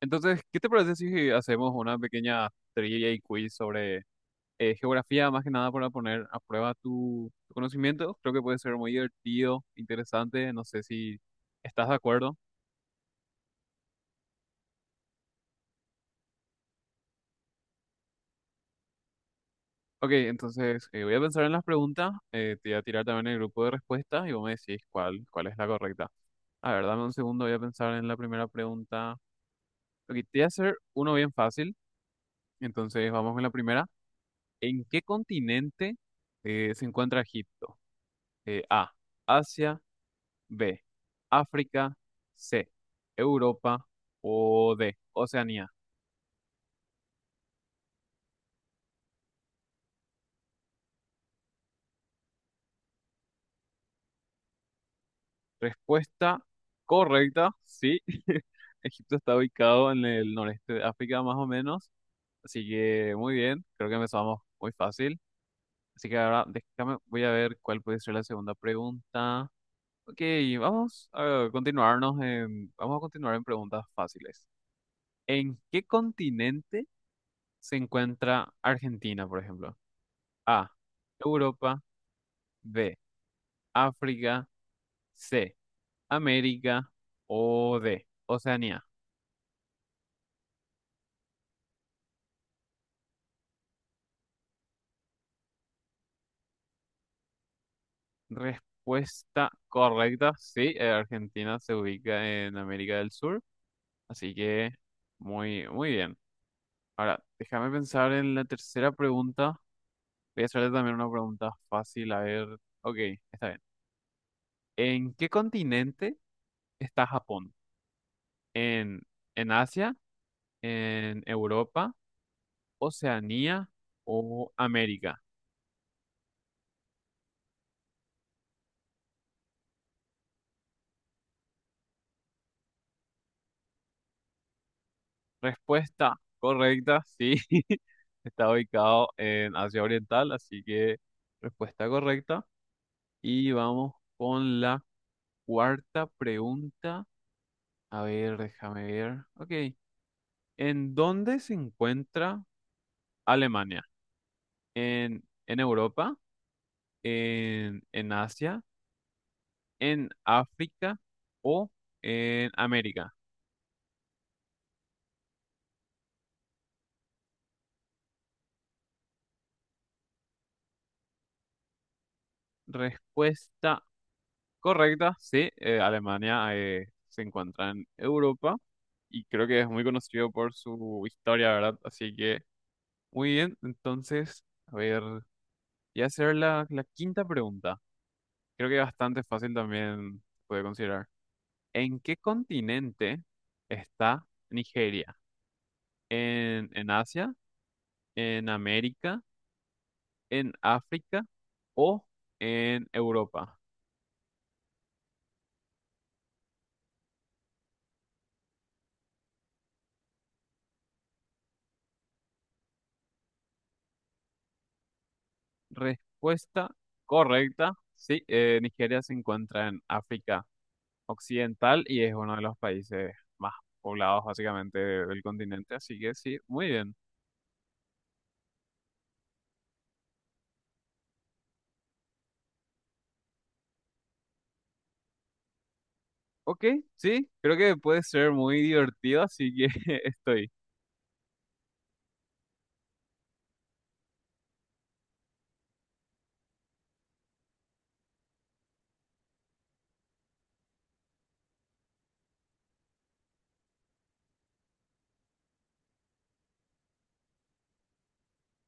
Entonces, ¿qué te parece si hacemos una pequeña trivia y quiz sobre geografía, más que nada para poner a prueba tu conocimiento? Creo que puede ser muy divertido, interesante, no sé si estás de acuerdo. Ok, entonces voy a pensar en las preguntas, te voy a tirar también el grupo de respuestas y vos me decís cuál es la correcta. A ver, dame un segundo, voy a pensar en la primera pregunta. Ok, te voy a hacer uno bien fácil, entonces vamos con la primera. ¿En qué continente se encuentra Egipto? A. Asia. B, África, C, Europa o D, Oceanía. Respuesta correcta, sí. Egipto está ubicado en el noreste de África más o menos, así que muy bien, creo que empezamos muy fácil. Así que ahora déjame, voy a ver cuál puede ser la segunda pregunta. Ok, vamos a continuar en preguntas fáciles. ¿En qué continente se encuentra Argentina, por ejemplo? A, Europa, B, África, C, América o D, Oceanía. Respuesta correcta, sí, Argentina se ubica en América del Sur, así que muy bien. Ahora, déjame pensar en la tercera pregunta. Voy a hacerte también una pregunta fácil, a ver. Ok, está bien. ¿En qué continente está Japón? ¿En, ¿en Asia? ¿En Europa? ¿Oceanía o América? Respuesta correcta, sí. Está ubicado en Asia Oriental, así que respuesta correcta. Y vamos con la cuarta pregunta. A ver, déjame ver. Ok. ¿En dónde se encuentra Alemania? ¿En Europa? ¿En Asia? ¿En África? ¿O en América? Respuesta correcta, sí. Alemania se encuentra en Europa y creo que es muy conocido por su historia, ¿verdad? Así que, muy bien. Entonces, a ver, voy a hacer la quinta pregunta. Creo que bastante fácil también puede considerar. ¿En qué continente está Nigeria? ¿En Asia? ¿En América? ¿En África? ¿O en Europa? Respuesta correcta. Sí, Nigeria se encuentra en África Occidental y es uno de los países más poblados básicamente del continente, así que sí, muy bien. Ok, sí, creo que puede ser muy divertido, así que estoy.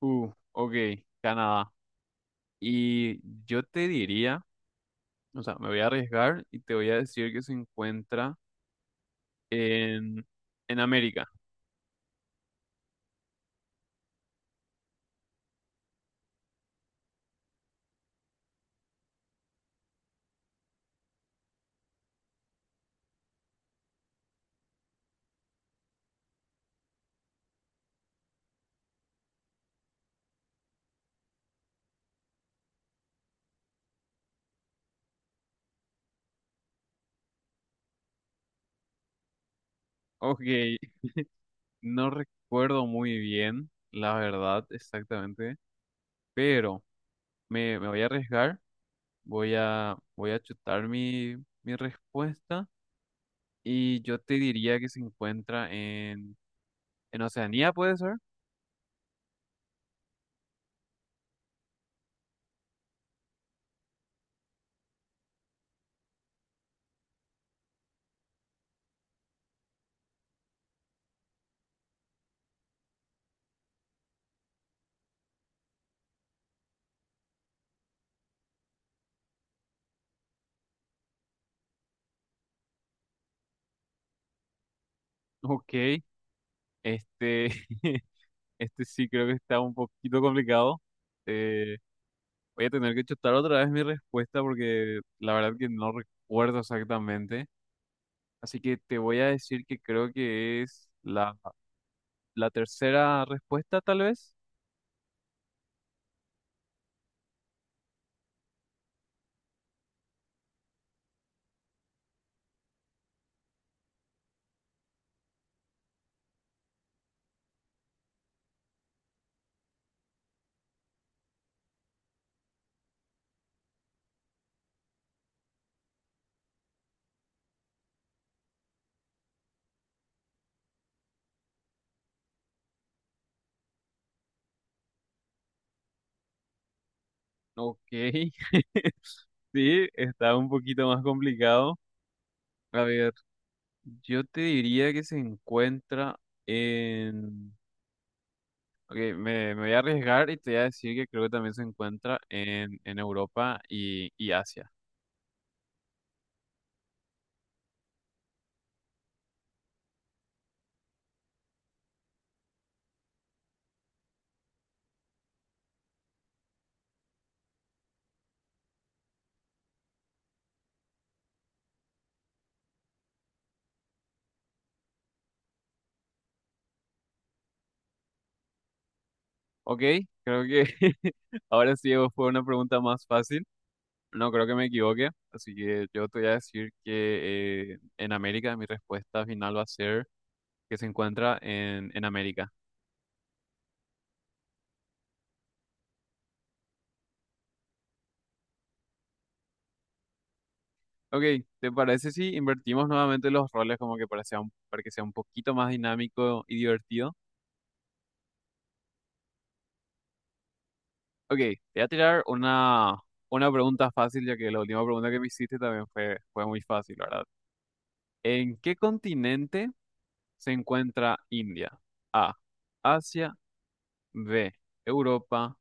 Ok, Canadá. Y yo te diría, o sea, me voy a arriesgar y te voy a decir que se encuentra en, en América. Ok, no recuerdo muy bien, la verdad, exactamente, pero me voy a arriesgar, voy a chutar mi respuesta y yo te diría que se encuentra en Oceanía, ¿puede ser? Ok, este, este sí creo que está un poquito complicado. Eh, voy a tener que chutar otra vez mi respuesta porque la verdad que no recuerdo exactamente. Así que te voy a decir que creo que es la tercera respuesta, tal vez. Ok. Sí, está un poquito más complicado. A ver, yo te diría que se encuentra en... Ok, me voy a arriesgar y te voy a decir que creo que también se encuentra en Europa y Asia. Ok, creo que ahora sí fue una pregunta más fácil. No creo que me equivoque, así que yo te voy a decir que en América mi respuesta final va a ser que se encuentra en América. Ok, ¿te parece si invertimos nuevamente los roles como que para que sea un poquito más dinámico y divertido? Ok, te voy a tirar una pregunta fácil, ya que la última pregunta que me hiciste también fue muy fácil, ¿verdad? ¿En qué continente se encuentra India? A, Asia, B, Europa,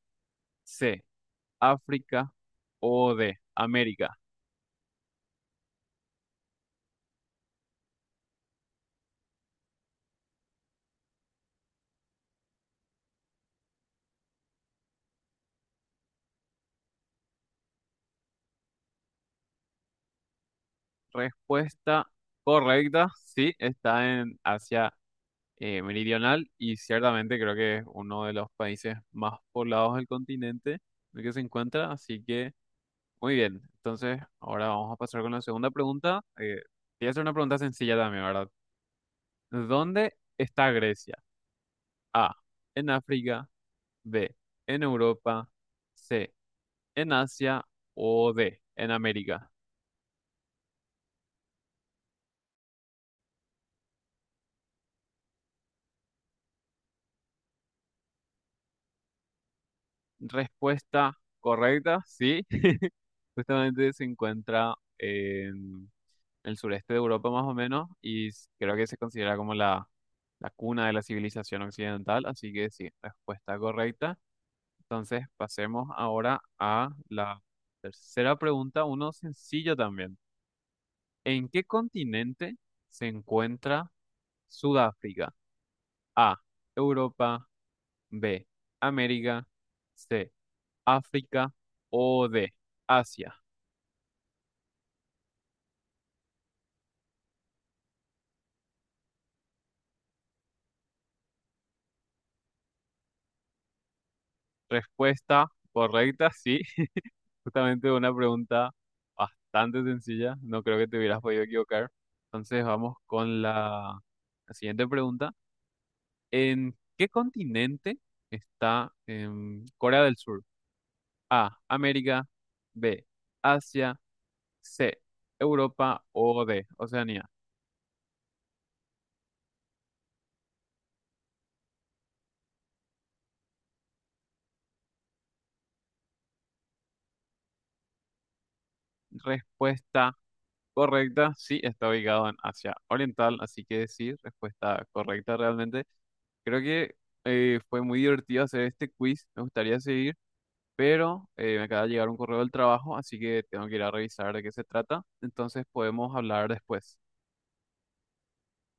C, África o D, América. Respuesta correcta, sí, está en Asia meridional y ciertamente creo que es uno de los países más poblados del continente en el que se encuentra, así que muy bien. Entonces, ahora vamos a pasar con la segunda pregunta. Te voy a hacer una pregunta sencilla también, ¿verdad? ¿Dónde está Grecia? A, en África, B, en Europa, C, en Asia o D, en América. Respuesta correcta, sí, justamente se encuentra en el sureste de Europa más o menos, y creo que se considera como la cuna de la civilización occidental, así que sí, respuesta correcta. Entonces pasemos ahora a la tercera pregunta, uno sencillo también. ¿En qué continente se encuentra Sudáfrica? A, Europa, B, América, C, África o D, Asia. Respuesta correcta, sí, justamente una pregunta bastante sencilla, no creo que te hubieras podido equivocar. Entonces vamos con la siguiente pregunta. ¿En qué continente está Corea del Sur? A, América, B, Asia, C, Europa o D, Oceanía. Respuesta correcta, sí, está ubicado en Asia Oriental, así que sí, respuesta correcta realmente. Creo que fue muy divertido hacer este quiz. Me gustaría seguir, pero me acaba de llegar un correo del trabajo, así que tengo que ir a revisar de qué se trata. Entonces podemos hablar después.